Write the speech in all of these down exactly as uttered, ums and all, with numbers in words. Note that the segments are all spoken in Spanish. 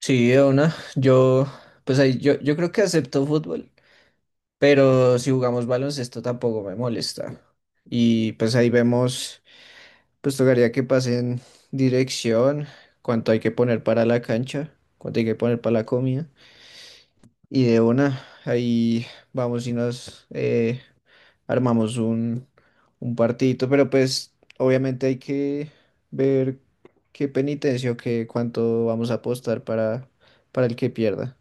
Sí, de una. Yo, pues ahí, yo, yo creo que acepto fútbol, pero si jugamos baloncesto tampoco me molesta. Y pues ahí vemos, pues tocaría que pasen dirección, cuánto hay que poner para la cancha, cuánto hay que poner para la comida. Y de una, ahí vamos y nos eh, armamos un, un partidito, pero pues obviamente hay que ver qué penitencia o qué cuánto vamos a apostar para, para el que pierda.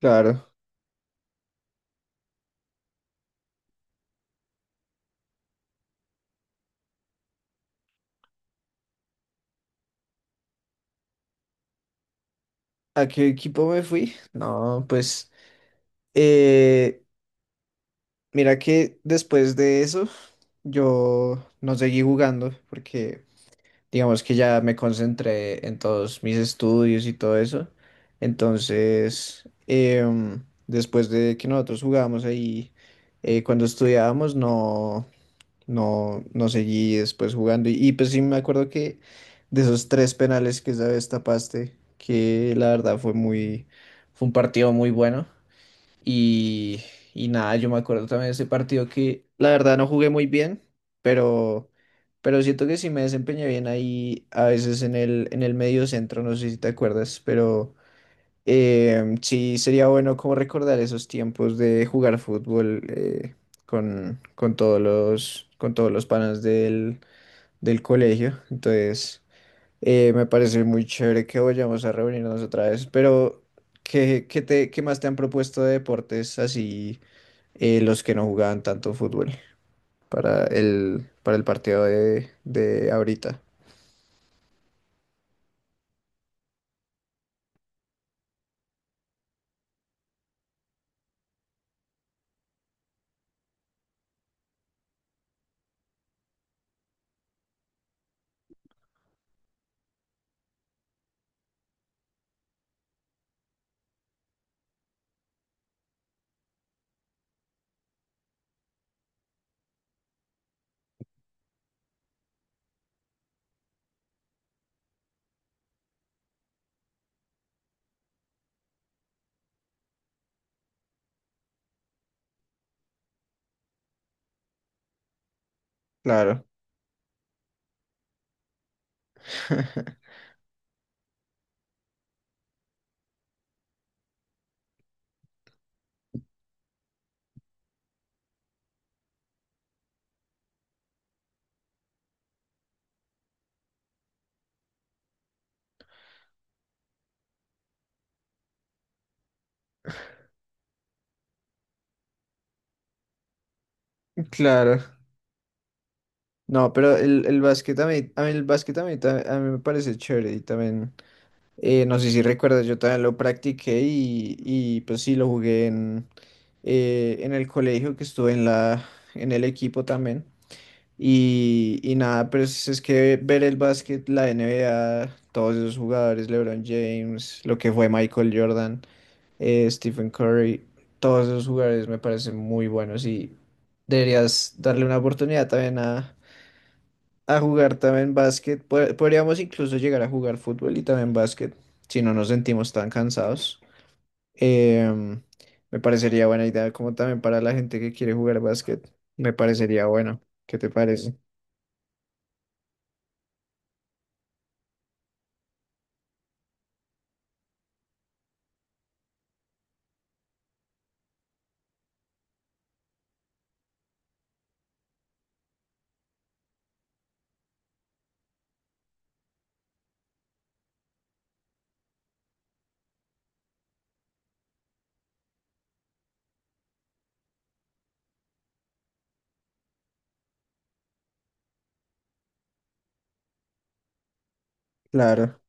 Claro. ¿A qué equipo me fui? No, pues eh, mira que después de eso yo no seguí jugando porque digamos que ya me concentré en todos mis estudios y todo eso. Entonces, em, después de que nosotros jugábamos ahí, eh, cuando estudiábamos, no, no, no seguí después jugando. Y, y, pues sí me acuerdo que de esos tres penales que esa vez tapaste, que la verdad fue muy, fue un partido muy bueno. Y, y nada, yo me acuerdo también de ese partido que la verdad no jugué muy bien, pero, pero siento que sí me desempeñé bien ahí a veces en el, en el medio centro, no sé si te acuerdas, pero Em, sí, sería bueno como recordar esos tiempos de jugar fútbol, eh, con, con todos los, con todos los panas del, del colegio. Entonces, eh, me parece muy chévere que vayamos a reunirnos otra vez. Pero, ¿qué, qué te, qué más te han propuesto de deportes así, eh, los que no jugaban tanto fútbol para el, para el partido de, de ahorita? Claro, claro. No, pero el, el básquet a mí, a mí el básquet a mí, ta- a mí me parece chévere y también, eh, no sé si recuerdas, yo también lo practiqué y, y pues sí, lo jugué en, eh, en el colegio que estuve en la, en el equipo también. Y, y nada, pero es, es que ver el básquet, la N B A, todos esos jugadores, LeBron James, lo que fue Michael Jordan, eh, Stephen Curry, todos esos jugadores me parecen muy buenos y deberías darle una oportunidad también a a jugar también básquet. Po- Podríamos incluso llegar a jugar fútbol y también básquet, si no nos sentimos tan cansados. Em, Me parecería buena idea, como también para la gente que quiere jugar básquet. Me parecería bueno. ¿Qué te parece? Claro,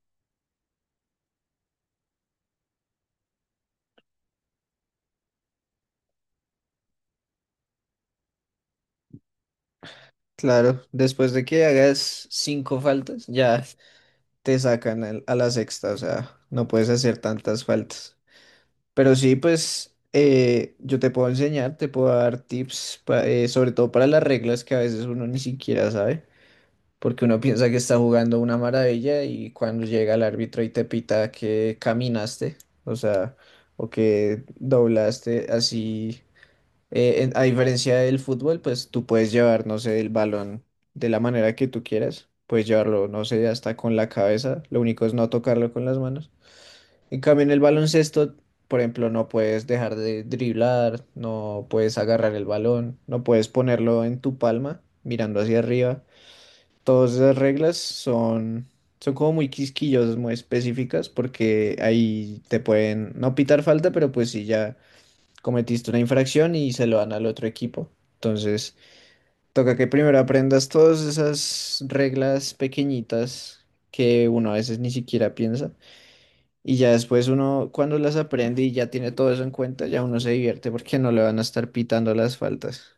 claro. Después de que hagas cinco faltas, ya te sacan al- a la sexta, o sea, no puedes hacer tantas faltas. Pero sí, pues eh, yo te puedo enseñar, te puedo dar tips, pa- eh, sobre todo para las reglas que a veces uno ni siquiera sabe. Porque uno piensa que está jugando una maravilla y cuando llega el árbitro y te pita que caminaste, o sea, o que doblaste así, eh, en- a diferencia del fútbol, pues tú puedes llevar, no sé, el balón de la manera que tú quieras, puedes llevarlo, no sé, hasta con la cabeza, lo único es no tocarlo con las manos. En cambio, en el baloncesto, por ejemplo, no puedes dejar de driblar, no puedes agarrar el balón, no puedes ponerlo en tu palma mirando hacia arriba. Todas esas reglas son, son como muy quisquillosas, muy específicas, porque ahí te pueden no pitar falta, pero pues si ya cometiste una infracción y se lo dan al otro equipo. Entonces, toca que primero aprendas todas esas reglas pequeñitas que uno a veces ni siquiera piensa. Y ya después uno, cuando las aprende y ya tiene todo eso en cuenta, ya uno se divierte porque no le van a estar pitando las faltas.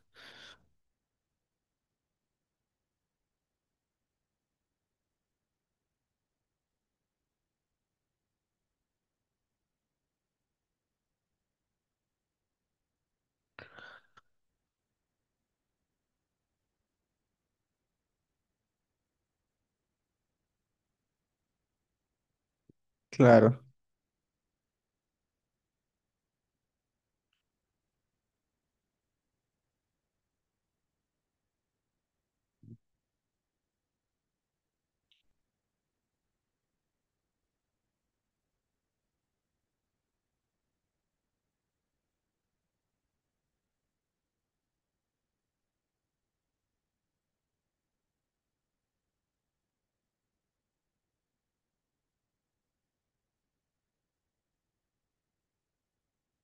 Claro.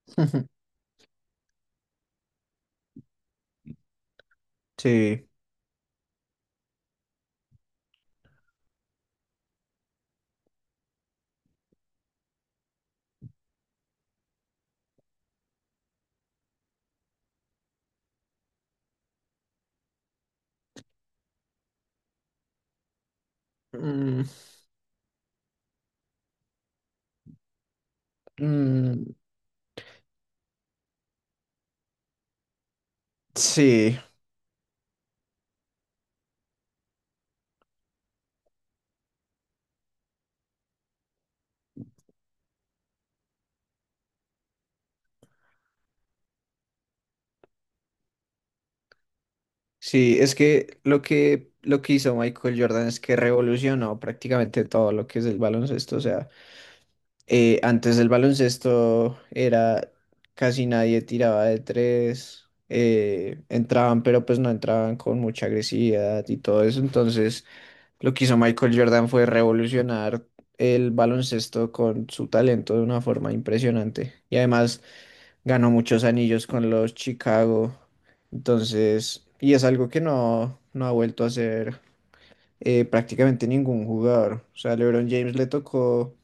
Sí. Mm, mm, sí. Sí, es que lo que lo que hizo Michael Jordan es que revolucionó prácticamente todo lo que es el baloncesto. O sea, eh, antes del baloncesto era casi nadie tiraba de tres, eh, entraban, pero pues no entraban con mucha agresividad y todo eso. Entonces, lo que hizo Michael Jordan fue revolucionar el baloncesto con su talento de una forma impresionante. Y además ganó muchos anillos con los Chicago. Entonces, y es algo que no, no ha vuelto a hacer, eh, prácticamente ningún jugador. O sea, LeBron James le tocó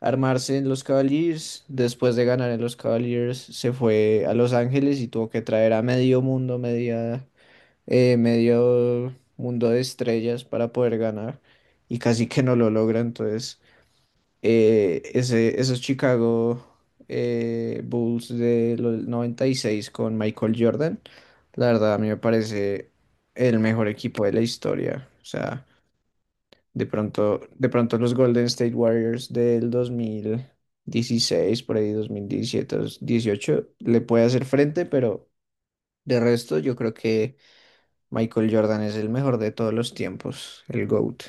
armarse en los Cavaliers. Después de ganar en los Cavaliers, se fue a Los Ángeles y tuvo que traer a medio mundo, media, eh, medio mundo de estrellas para poder ganar. Y casi que no lo logra. Entonces eh, ese, esos Chicago eh, Bulls del noventa y seis con Michael Jordan, la verdad a mí me parece el mejor equipo de la historia. O sea, de pronto, de pronto los Golden State Warriors del dos mil dieciséis, por ahí dos dos mil diecisiete, dos mil dieciocho, le puede hacer frente, pero de resto yo creo que Michael Jordan es el mejor de todos los tiempos, el GOAT.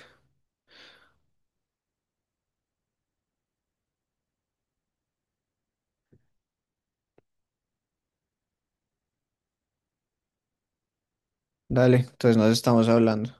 Dale, entonces nos estamos hablando.